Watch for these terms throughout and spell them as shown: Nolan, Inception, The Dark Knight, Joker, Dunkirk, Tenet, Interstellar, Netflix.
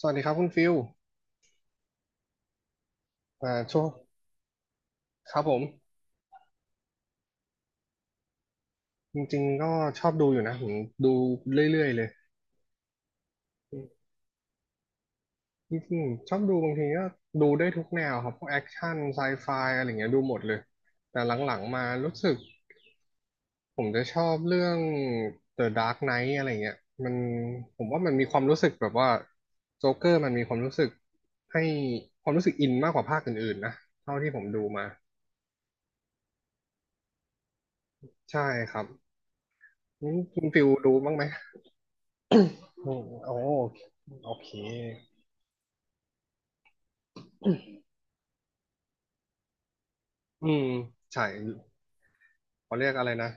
สวัสดีครับคุณฟิลช่วงครับผมจริงๆก็ชอบดูอยู่นะผมดูเรื่อยๆเลยจริงๆชอบดูบางทีก็ดูได้ทุกแนวครับพวกแอคชั่นไซไฟอะไรอย่างเงี้ยดูหมดเลยแต่หลังๆมารู้สึกผมจะชอบเรื่อง The Dark Knight อะไรเงี้ยมันผมว่ามันมีความรู้สึกแบบว่าโจ๊กเกอร์มันมีความรู้สึกให้ความรู้สึกอินมากกว่าภาคอื่นๆนะเท่าที่ผมดูมาใช่ครับงั้นคุณฟิลดูบ้างไหม อืมโอ้โอเคอืมใช่เขาเรียกอะไรนะ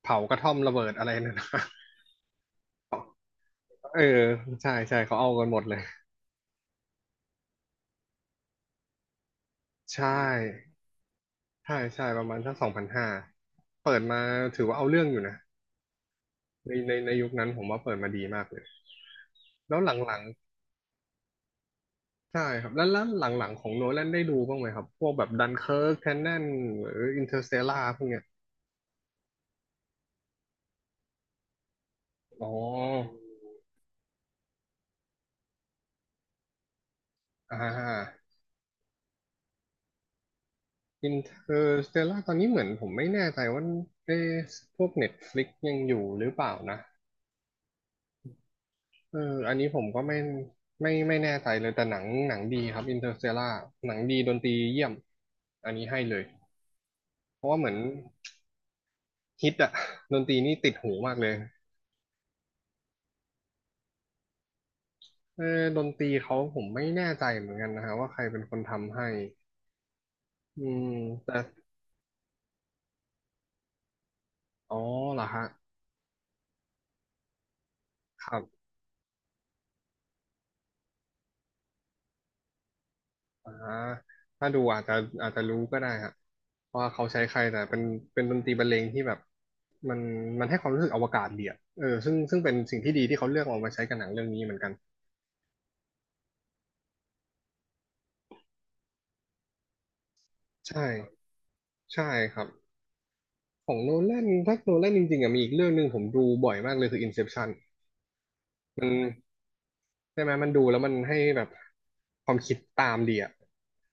เผากระท่อมระเบิดอะไรน่นะ เออ ใช่ใช่เขาเอากันหมดเลย ใช่ ใช่ใช่ประมาณสักสองพันห้าเปิดมาถือว่าเอาเรื่องอยู่นะในยุคนั้นผมว่าเปิดมาดีมากเลย แล้วหลังๆใช่ครับ แล้วหลังๆของโนแลนได้ดูบ้างไหมครับ พวกแบบดันเคิร์กแทนแนนหรืออินเตอร์สเตลล่าพวกเนี้ยอ๋ออ่า อินเ r อร์สเตลล่าตอนนี้เหมือนผมไม่แน่ใจว่าเอ๊ะพวกเน็ตฟลิกยังอยู่หรือเปล่านะเอออันนี้ผมก็ไม่ไม่แน่ใจเลยแต่หนังหนังดีครับอินเ r อร์สเตลล่าหนังดีดนตรีเยี่ยมอันนี้ให้เลยเพราะว่าเหมือนฮิตอะดนตรีนี่ติดหูมากเลยเออดนตรีเขาผมไม่แน่ใจเหมือนกันนะฮะว่าใครเป็นคนทำให้อืมแต่อ๋อเหรอฮะครับ อ่าถ้าดูอาจจะอาจจะรู้ก็ได้ฮะว่าเขาใช้ใครแต่เป็นเป็นดนตรีบรรเลงที่แบบมันมันให้ความรู้สึกอวกาศดีอะเออซึ่งเป็นสิ่งที่ดีที่เขาเลือกเอามาใช้กับหนังเรื่องนี้เหมือนกันใช่ใช่ครับของโนแลนถ้าโนแลนจริงๆอะมีอีกเรื่องหนึ่งผมดูบ่อยมากเลยคือ Inception มันใช่ไหมมันดูแล้วมันให้แบบความคิดตามดีอะ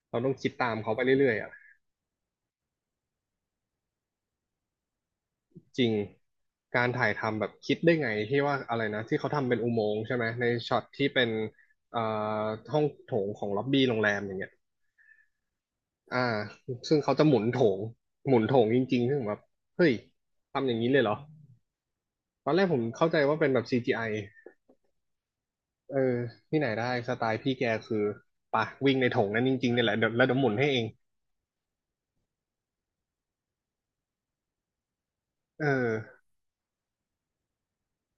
เราต้องคิดตามเขาไปเรื่อยๆอะ จริงการถ่ายทำแบบคิดได้ไงที่ว่าอะไรนะที่เขาทำเป็นอุโมงค์ใช่ไหมในช็อตที่เป็นเอ่อห้องโถงของล็อบบี้โรงแรมอย่างเงี้ยอ่าซึ่งเขาจะหมุนโถงหมุนโถงจริงๆซึ่งแบบเฮ้ยทำอย่างนี้เลยเหรอตอนแรกผมเข้าใจว่าเป็นแบบ CGI เออที่ไหนได้สไตล์พี่แกคือปะวิ่งในโถงนั้นจริงๆเนี่ยแหละเดี๋ยวแล้วเดี๋ยวหมุนให้เองเออ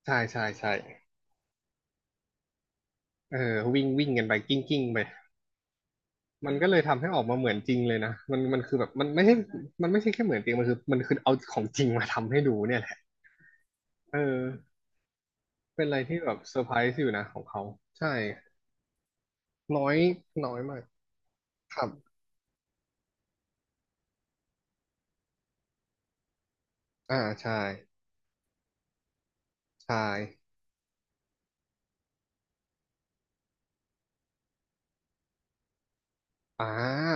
ใช่ใช่ใช่เออวิ่งวิ่งกันไปกิ้งกิ้งไป มันก็เลยทำให้ออกมาเหมือนจริงเลยนะมันคือแบบมันไม่ใช่มันไม่ใช่แค่เหมือนจริงมันคือมันคือเอาของจริงมาทำให้ดูเนี่ยแหละเออเป็นอะไรที่แบบเซอร์ไพรส์อยู่นะของเขาใช่น้อยน้อยมากครับใช่ใช่อ่า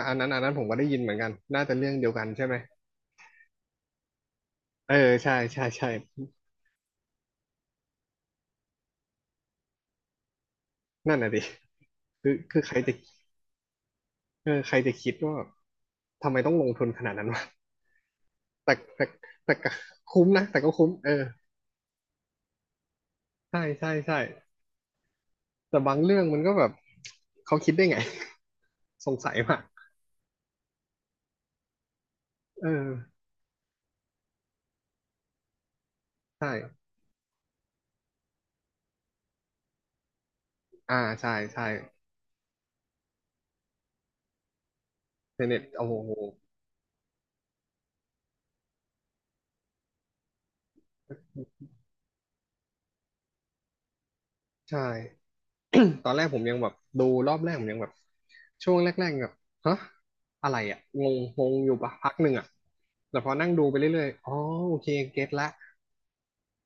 อันนั้นอันนั้นผมก็ได้ยินเหมือนกันน่าจะเรื่องเดียวกันใช่ไหมเออใช่ใช่ใช่นั่นน่ะดิคือคือใครจะเออใครจะคิดว่าทำไมต้องลงทุนขนาดนั้นวะแต่แต่แต่ก็คุ้มนะแต่ก็คุ้มเออใช่ใช่ใช่ แต่บางเรื่องมันก็แบบเขาคิดได้ไง สงสัยมากเออใช่อ่าใช่ใช่เทเน็ตโอ้โหใช่ ตอนแรกผมยังแบบดูรอบแรกผมยังแบบช่วงแรกๆแบบฮะอะไรอ่ะงงงงอยู่ปะพักหนึ่งอ่ะแต่พอนั่งดูไปเรื่อยๆอ๋อโอเคเก็ตละ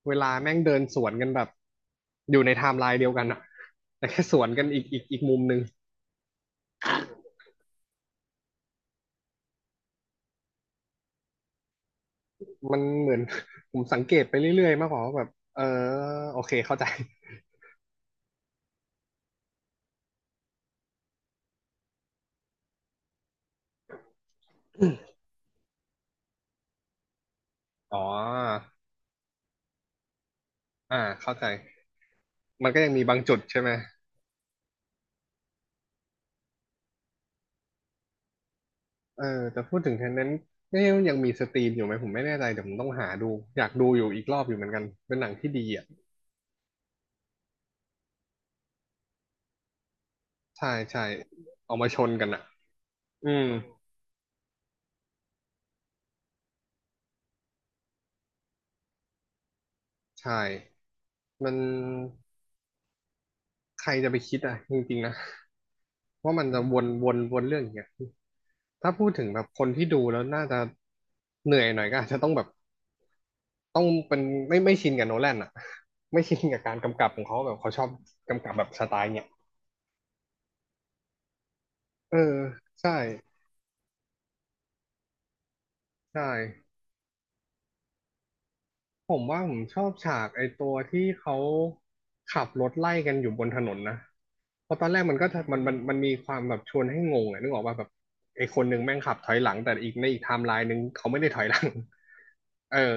เวลาแม่งเดินสวนกันแบบอยู่ในไทม์ไลน์เดียวกันอ่ะ แต่แค่สวนกันอีกอีกมุมหนึ่งมันเหมือน ผมสังเกตไปเรื่อยๆมากกว่าว่าแบบเออโอเคเข้าใจ อ๋ออ่าเข้าใจ มันก็ยังมีบางจุดใช่ไหมเออแต่พูดถึงแทนนั้นเนี่ยยังมีสตรีมอยู่ไหมผมไม่แน่ใจเดี๋ยวผมต้องหาดูอยากดูอยู่อีกรอบอยู่เหมือนกันเป็นหนังที่ดีอ่ะใช่ใช่เอามาชนกันอ่ะอืมใช่ มันใครจะไปคิดอ่ะจริงๆนะว่ามันจะวนวนวนเรื่องอย่างเงี้ยถ้าพูดถึงแบบคนที่ดูแล้วน่าจะเหนื่อยหน่อยก็อาจจะต้องแบบต้องเป็นไม่ชินกับโนแลนอ่ะไม่ชินกับการกำกับของเขาแบบเขาชอบกำกับแบบสไตล์เนี้ย เออใช่ใช่ผมว่าผมชอบฉากไอ้ตัวที่เขาขับรถไล่กันอยู่บนถนนนะเพราะตอนแรกมันก็จะมันมีความแบบชวนให้งงอะนึกออกว่าแบบไอ้คนหนึ่งแม่งขับถอยหลังแต่อีกในอีกไทม์ไลน์หนึ่งเขาไม่ได้ถอยหลังเออ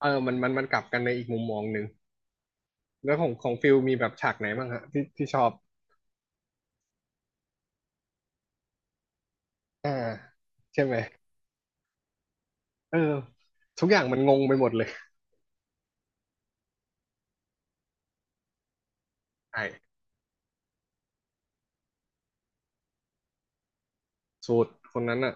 เออมันกลับกันในอีกมุมมองหนึ่งแล้วของฟิลมีแบบฉากไหนบ้างฮะที่ชอบอ่าใช่ไหมเออทุกอย่างมันงงไปหมดเลยใช่สูตรคนนั้นอ่ะ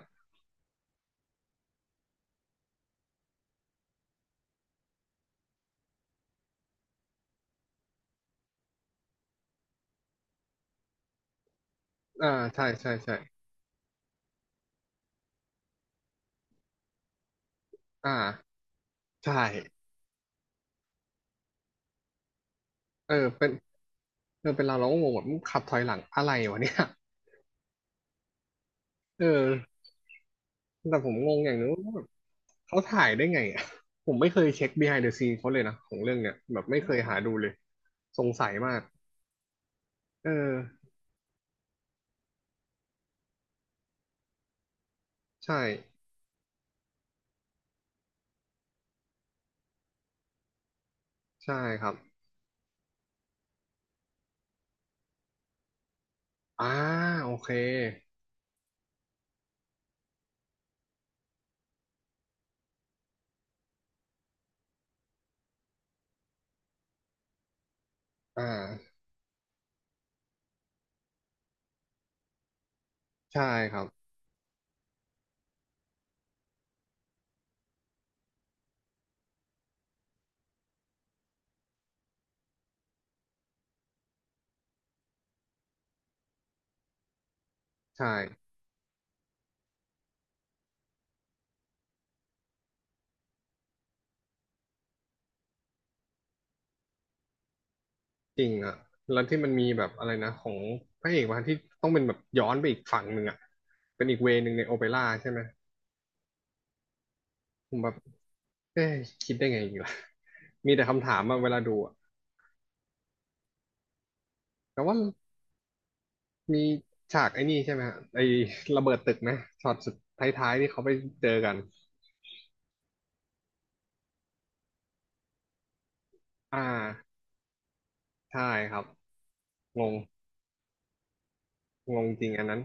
อ่าใช่ใช่ใช่อ่าใช่ เออเป็นเออเป็นเราก็งงแบบมึงขับถอยหลังอะไรวะเนี่ยเออแต่ผมงงอย่างนึงว่าแบบเขาถ่ายได้ไงอ่ะผมไม่เคยเช็ค behind the scene เขาเลยนะของเรื่องเนี้ยแบบไม่เคยหาดูเลยสงสัยมากเออใช่ใช่ครับอ่าโอเคอ่าใช่ครับใช่จริงอ่ะแล้วที่มันมีแบบอะไรนะของพระเอกมาที่ต้องเป็นแบบย้อนไปอีกฝั่งหนึ่งอ่ะเป็นอีกเวย์หนึ่งในโอเปร่าใช่ไหม ผมแบบเอ้ย คิดได้ไงอีกล่ะ มีแต่คำถามอะเวลาดูอะแต่ว่ามีฉากไอ้นี่ใช่ไหมฮะไอ้ระเบิดตึกนะช็อตสุดท้ายๆที่เขาไปเจอกันอ่าใช่ครับงงงงจริงอันนั้น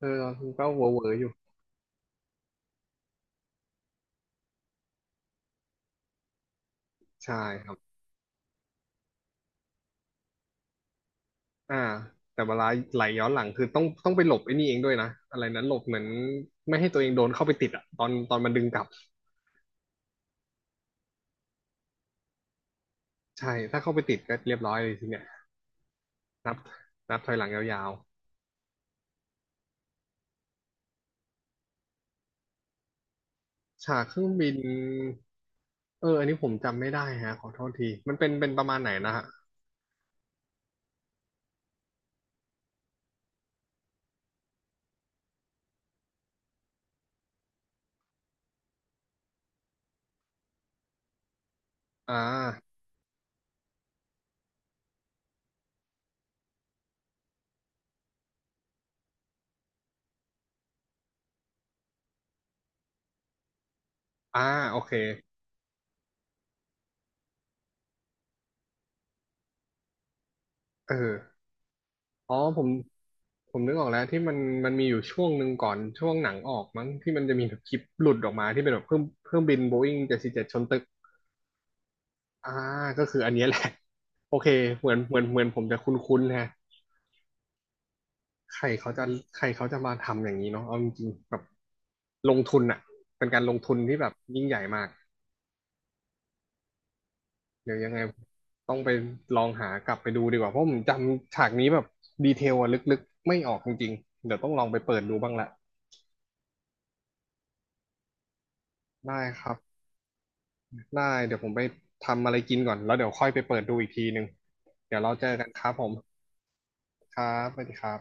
เออก็เวอร์เวอร์อยู่ ใช่ครับอ่าแต่เวลาไหลย้อนหลังคือต้องไปหลบไอ้นี่เองด้วยนะอะไรนั้นหลบเหมือนไม่ให้ตัวเองโดนเข้าไปติดอะตอนมันดึงกลับ ใช่ถ้าเข้าไปติดก็เรียบร้อยเลยทีเนี้ยนับนับถอยหลังยาว ฉากเครื่องบินเอออันนี้ผมจำไม่ได้ฮะขอโทษทีมันเป็นประมาณไหนนะฮะอ่าอ่าโอเคเอออ๋อผมนึกออกแล้วที่มันมีอยู่ช่วงหนึ่งก่อนช่วงหนังออกมั้งที่มันจะมีแบบคลิปหลุดออกมาที่เป็นแบบเครื่องบินโบอิ้ง747ชนตึกอ่าก็คืออันเนี้ยแหละโอเคเหมือนผมจะคุ้นๆฮะใครเขาจะใครเขาจะมาทำอย่างนี้เนาะเอาจริงๆแบบลงทุนอะเป็นการลงทุนที่แบบยิ่งใหญ่มาก เดี๋ยวยังไงต้องไปลองหากลับไปดูดีกว่าเพราะผมจำฉากนี้แบบดีเทลอะลึกๆไม่ออกจริงๆเดี๋ยวต้องลองไปเปิดดูบ้างละได้ครับได้เดี๋ยวผมไปทำอะไรกินก่อนแล้วเดี๋ยวค่อยไปเปิดดูอีกทีหนึ่งเดี๋ยวเราเจอกันครับผมครับสวัสดีครับ